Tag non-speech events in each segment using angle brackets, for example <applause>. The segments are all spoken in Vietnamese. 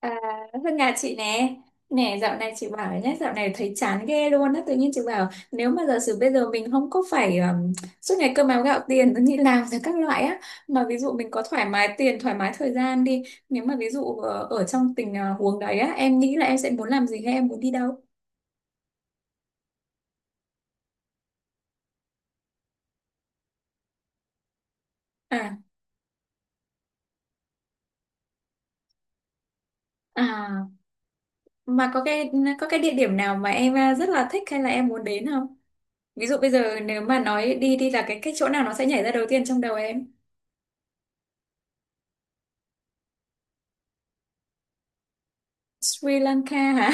À, Hương nhà chị nè, nè dạo này chị bảo nhé, dạo này thấy chán ghê luôn á. Tự nhiên chị bảo nếu mà giả sử bây giờ mình không có phải suốt ngày cơm áo gạo tiền đi làm rồi các loại á, mà ví dụ mình có thoải mái tiền thoải mái thời gian đi, nếu mà ví dụ ở trong tình huống đấy á, em nghĩ là em sẽ muốn làm gì hay em muốn đi đâu? À, à, mà có cái, có cái địa điểm nào mà em rất là thích hay là em muốn đến không? Ví dụ bây giờ nếu mà nói đi đi là cái chỗ nào nó sẽ nhảy ra đầu tiên trong đầu em? Sri Lanka hả?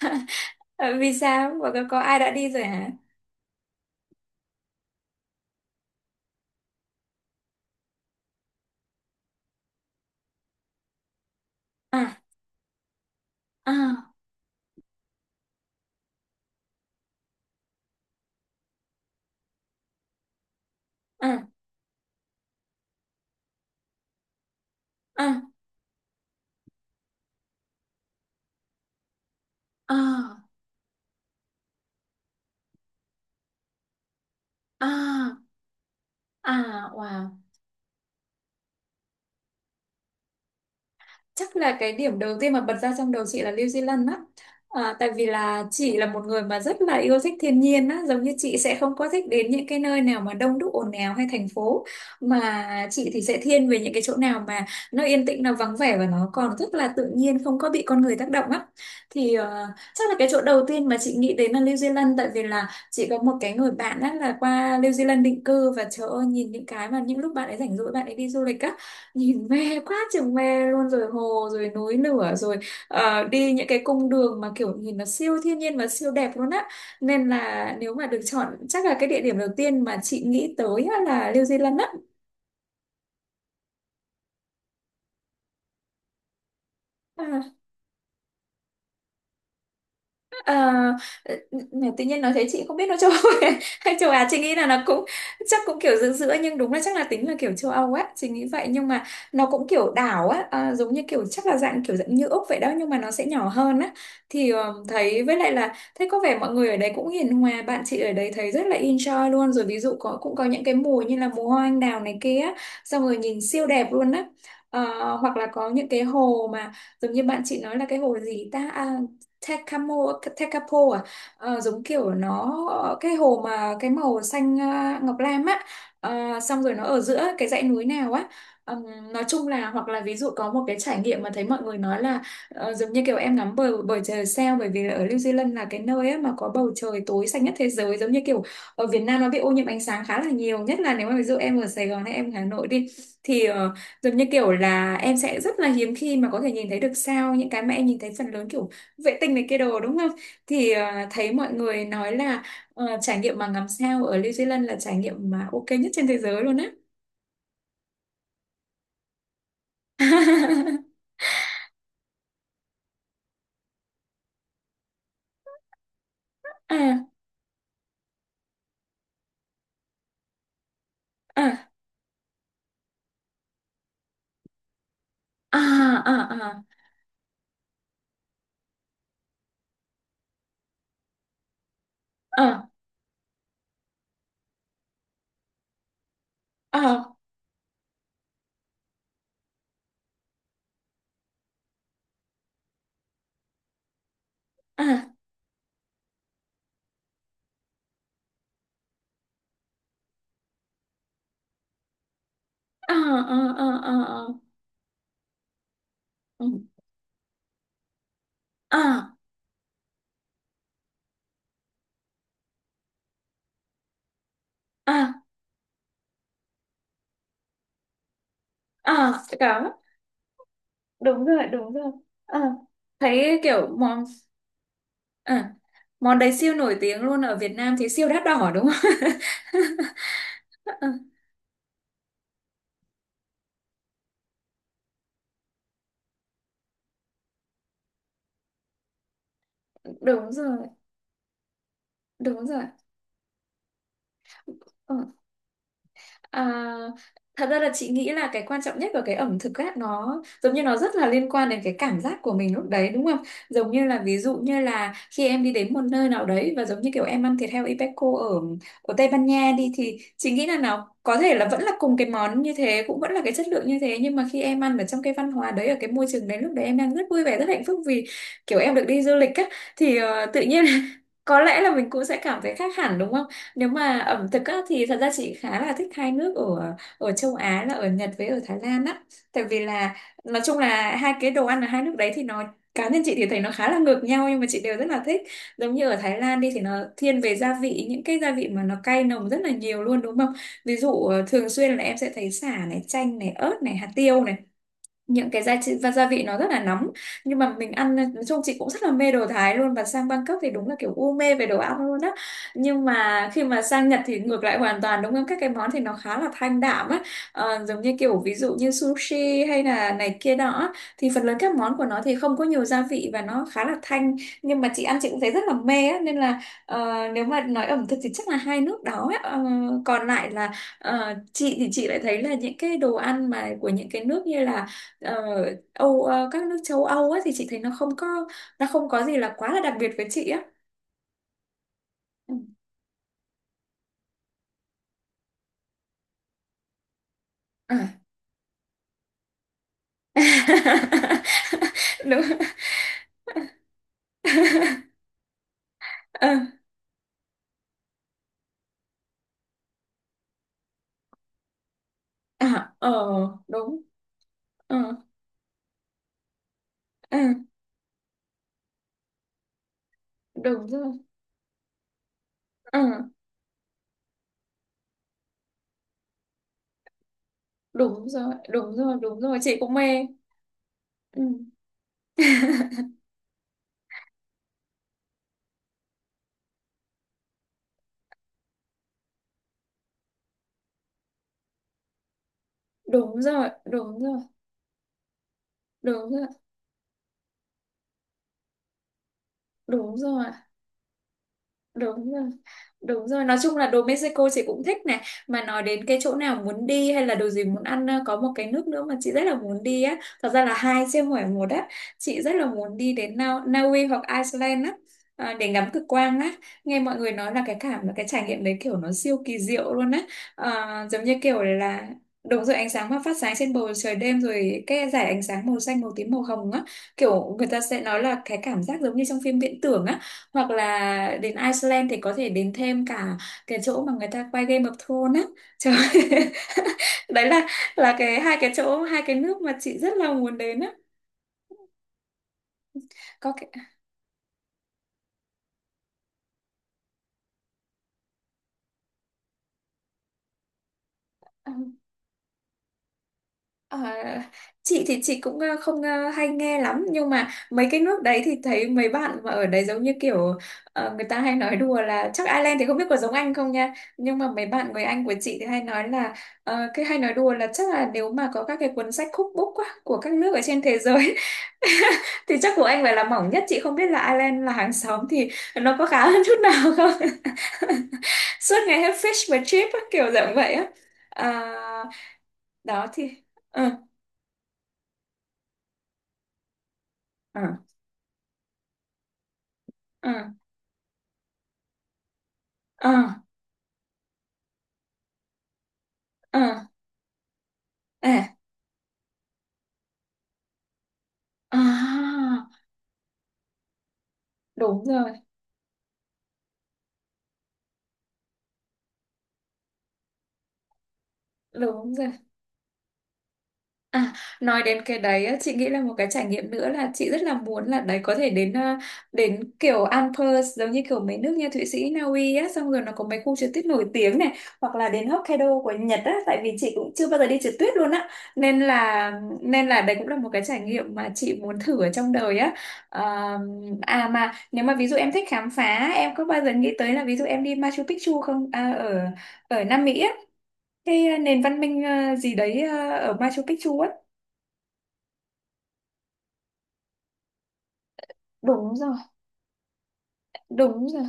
<laughs> Vì sao? Và có ai đã đi rồi hả? À, à, à, à, à, à, à, wow. Chắc là cái điểm đầu tiên mà bật ra trong đầu chị là New Zealand á. À, tại vì là chị là một người mà rất là yêu thích thiên nhiên á, giống như chị sẽ không có thích đến những cái nơi nào mà đông đúc ồn ào hay thành phố, mà chị thì sẽ thiên về những cái chỗ nào mà nó yên tĩnh, nó vắng vẻ và nó còn rất là tự nhiên không có bị con người tác động á. Thì chắc là cái chỗ đầu tiên mà chị nghĩ đến là New Zealand, tại vì là chị có một cái người bạn á là qua New Zealand định cư, và trời ơi, nhìn những cái mà những lúc bạn ấy rảnh rỗi bạn ấy đi du lịch á, nhìn mê quá chừng mê luôn, rồi hồ rồi núi lửa rồi đi những cái cung đường mà kiểu nhìn nó siêu thiên nhiên và siêu đẹp luôn á. Nên là nếu mà được chọn chắc là cái địa điểm đầu tiên mà chị nghĩ tới á là New Zealand á. À. À, tự nhiên nói thế chị không biết nó châu Âu <laughs> hay châu Á, chị nghĩ là nó cũng chắc cũng kiểu giữa giữa, nhưng đúng là chắc là tính là kiểu châu Âu á chị nghĩ vậy. Nhưng mà nó cũng kiểu đảo á, à, giống như kiểu chắc là dạng kiểu dạng như Úc vậy đó, nhưng mà nó sẽ nhỏ hơn á. Thì thấy, với lại là thấy có vẻ mọi người ở đấy cũng hiền hòa, bạn chị ở đấy thấy rất là enjoy luôn. Rồi ví dụ có, cũng có những cái mùa như là mùa hoa anh đào này kia á, xong rồi nhìn siêu đẹp luôn á. Ờ, hoặc là có những cái hồ mà giống như bạn chị nói là cái hồ gì ta, à, Tecamo, Tecapo, à. Ờ, giống kiểu nó, cái hồ mà cái màu xanh, à, ngọc lam á. Ờ, xong rồi nó ở giữa cái dãy núi nào á. Nói chung là, hoặc là ví dụ có một cái trải nghiệm mà thấy mọi người nói là giống như kiểu em ngắm bầu bầu trời sao, bởi vì là ở New Zealand là cái nơi á mà có bầu trời tối xanh nhất thế giới. Giống như kiểu ở Việt Nam nó bị ô nhiễm ánh sáng khá là nhiều, nhất là nếu mà ví dụ em ở Sài Gòn hay em ở Hà Nội đi, thì giống như kiểu là em sẽ rất là hiếm khi mà có thể nhìn thấy được sao, những cái mà em nhìn thấy phần lớn kiểu vệ tinh này kia đồ đúng không? Thì thấy mọi người nói là trải nghiệm mà ngắm sao ở New Zealand là trải nghiệm mà ok nhất trên thế giới luôn á. <laughs> À, à, à, à, à, à, à, à, à, à, à, à, ừ, à, à, à, đó, đúng rồi, đúng rồi. Ờ. Thấy kiểu món, à, món đấy siêu nổi tiếng luôn ở Việt Nam thì siêu đắt đỏ đúng không? <laughs> Ờ. Đúng rồi, đúng rồi. Ờ. À, thật ra là chị nghĩ là cái quan trọng nhất của cái ẩm thực á, nó giống như nó rất là liên quan đến cái cảm giác của mình lúc đấy đúng không? Giống như là ví dụ như là khi em đi đến một nơi nào đấy và giống như kiểu em ăn thịt heo Ipeco ở ở Tây Ban Nha đi, thì chị nghĩ là nào có thể là vẫn là cùng cái món như thế, cũng vẫn là cái chất lượng như thế, nhưng mà khi em ăn ở trong cái văn hóa đấy, ở cái môi trường đấy, lúc đấy em đang rất vui vẻ rất hạnh phúc vì kiểu em được đi du lịch á, thì tự nhiên <laughs> có lẽ là mình cũng sẽ cảm thấy khác hẳn đúng không? Nếu mà ẩm thực á, thì thật ra chị khá là thích hai nước ở ở châu Á là ở Nhật với ở Thái Lan á. Tại vì là nói chung là hai cái đồ ăn ở hai nước đấy thì nó, cá nhân chị thì thấy nó khá là ngược nhau nhưng mà chị đều rất là thích. Giống như ở Thái Lan đi thì nó thiên về gia vị, những cái gia vị mà nó cay nồng rất là nhiều luôn đúng không? Ví dụ thường xuyên là em sẽ thấy sả này, chanh này, ớt này, hạt tiêu này, những cái gia vị nó rất là nóng, nhưng mà mình ăn nói chung chị cũng rất là mê đồ Thái luôn, và sang Bangkok thì đúng là kiểu u mê về đồ ăn luôn á. Nhưng mà khi mà sang Nhật thì ngược lại hoàn toàn đúng không, các cái món thì nó khá là thanh đạm á. Ờ, giống như kiểu ví dụ như sushi hay là này kia đó á, thì phần lớn các món của nó thì không có nhiều gia vị và nó khá là thanh, nhưng mà chị ăn chị cũng thấy rất là mê á. Nên là nếu mà nói ẩm thực thì chắc là hai nước đó á. Ờ, còn lại là chị thì chị lại thấy là những cái đồ ăn mà của những cái nước như là Ờ, Âu, các nước châu Âu á, thì chị thấy nó không có, nó không có gì là quá là đặc biệt với chị á. Ừ. À. <laughs> Đúng. <laughs> Ờ, à, ờ đúng. Ờ, ờ, đúng rồi. Ờ, đúng rồi, đúng rồi, đúng rồi, chị cũng mê. Ừ. <laughs> Đúng rồi, đúng rồi, đúng rồi, đúng rồi. Đúng rồi. Đúng rồi, nói chung là đồ Mexico chị cũng thích này. Mà nói đến cái chỗ nào muốn đi hay là đồ gì muốn ăn, có một cái nước nữa mà chị rất là muốn đi á. Thật ra là hai chứ không phải một á. Chị rất là muốn đi đến Na Na Uy hoặc Iceland á. À, để ngắm cực quang á. Nghe mọi người nói là cái cảm, là cái trải nghiệm đấy kiểu nó siêu kỳ diệu luôn á. À, giống như kiểu là đúng rồi, ánh sáng mà phát sáng trên bầu trời đêm, rồi cái dải ánh sáng màu xanh, màu tím, màu hồng á. Kiểu người ta sẽ nói là cái cảm giác giống như trong phim viễn tưởng á, hoặc là đến Iceland thì có thể đến thêm cả cái chỗ mà người ta quay Game of Thrones á, trời ơi. <laughs> Đấy là cái hai cái chỗ, hai cái nước mà chị rất là muốn đến á. Có cái, à. Ờ, chị thì chị cũng không hay nghe lắm, nhưng mà mấy cái nước đấy thì thấy mấy bạn mà ở đấy giống như kiểu người ta hay nói đùa là chắc Ireland thì không biết có giống Anh không nha, nhưng mà mấy bạn người Anh của chị thì hay nói là cái hay nói đùa là chắc là nếu mà có các cái cuốn sách cookbook á của các nước ở trên thế giới, <laughs> thì chắc của Anh phải là mỏng nhất, chị không biết là Ireland là hàng xóm thì nó có khá hơn chút nào không. <laughs> Suốt ngày hết fish và chip á, kiểu dạng vậy á. Ờ, đó thì ừ. ờ ờ ờ ờ à à đúng rồi đúng rồi. À, nói đến cái đấy á, chị nghĩ là một cái trải nghiệm nữa là chị rất là muốn, là đấy có thể đến đến kiểu Alps, giống như kiểu mấy nước như Thụy Sĩ, Na Uy á, xong rồi nó có mấy khu trượt tuyết nổi tiếng này, hoặc là đến Hokkaido của Nhật á, tại vì chị cũng chưa bao giờ đi trượt tuyết luôn á. Nên là, nên là đấy cũng là một cái trải nghiệm mà chị muốn thử ở trong đời á. Ờ, à mà nếu mà ví dụ em thích khám phá, em có bao giờ nghĩ tới là ví dụ em đi Machu Picchu không, à, ở ở Nam Mỹ á, cái nền văn minh gì đấy ở Machu Picchu á. Đúng rồi, đúng rồi,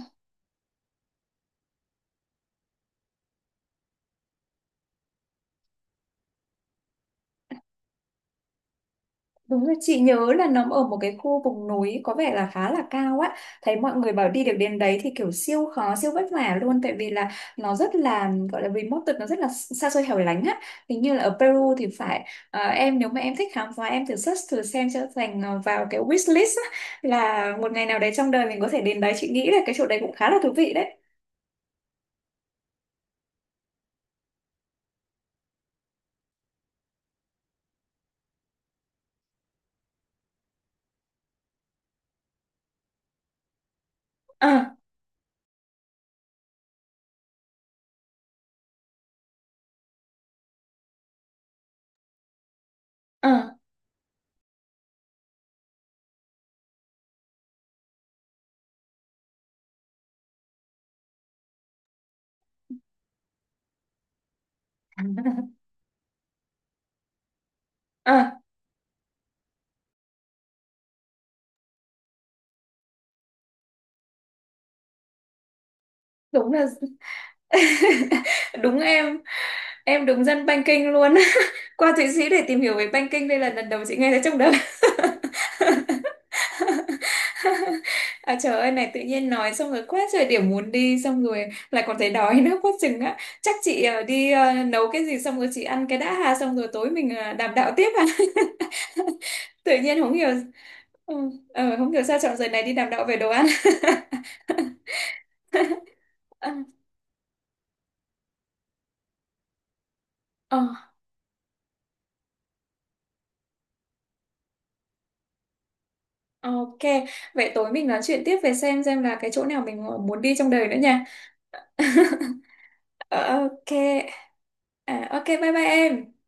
đúng rồi. Chị nhớ là nó ở một cái khu vùng núi có vẻ là khá là cao á. Thấy mọi người bảo đi được đến đấy thì kiểu siêu khó, siêu vất vả luôn. Tại vì là nó rất là gọi là remote, nó rất là xa xôi hẻo lánh á. Hình như là ở Peru thì phải, em nếu mà em thích khám phá em thử search thử xem, cho thành vào cái wish list á, là một ngày nào đấy trong đời mình có thể đến đấy. Chị nghĩ là cái chỗ đấy cũng khá là thú vị đấy. Ờ, ờ, <laughs> ờ, đúng rồi. <laughs> Đúng em đúng dân banking luôn. <laughs> Qua Thụy Sĩ để tìm hiểu về banking đây là lần đầu chị nghe thấy trong đời. <laughs> À, trời ơi này, tự nhiên nói xong rồi quá trời điểm muốn đi, xong rồi lại còn thấy đói nữa quá chừng á. Chắc chị đi nấu cái gì xong rồi chị ăn cái đã ha, xong rồi tối mình đàm đạo tiếp ha. <laughs> Tự nhiên không hiểu, ừ, không hiểu sao chọn giờ này đi đàm đạo về đồ ăn. <laughs> Ờ, ờ, ok, vậy tối mình nói chuyện tiếp về xem là cái chỗ nào mình muốn đi trong đời nữa nha. <laughs> Ờ, ok. À, ok bye bye em.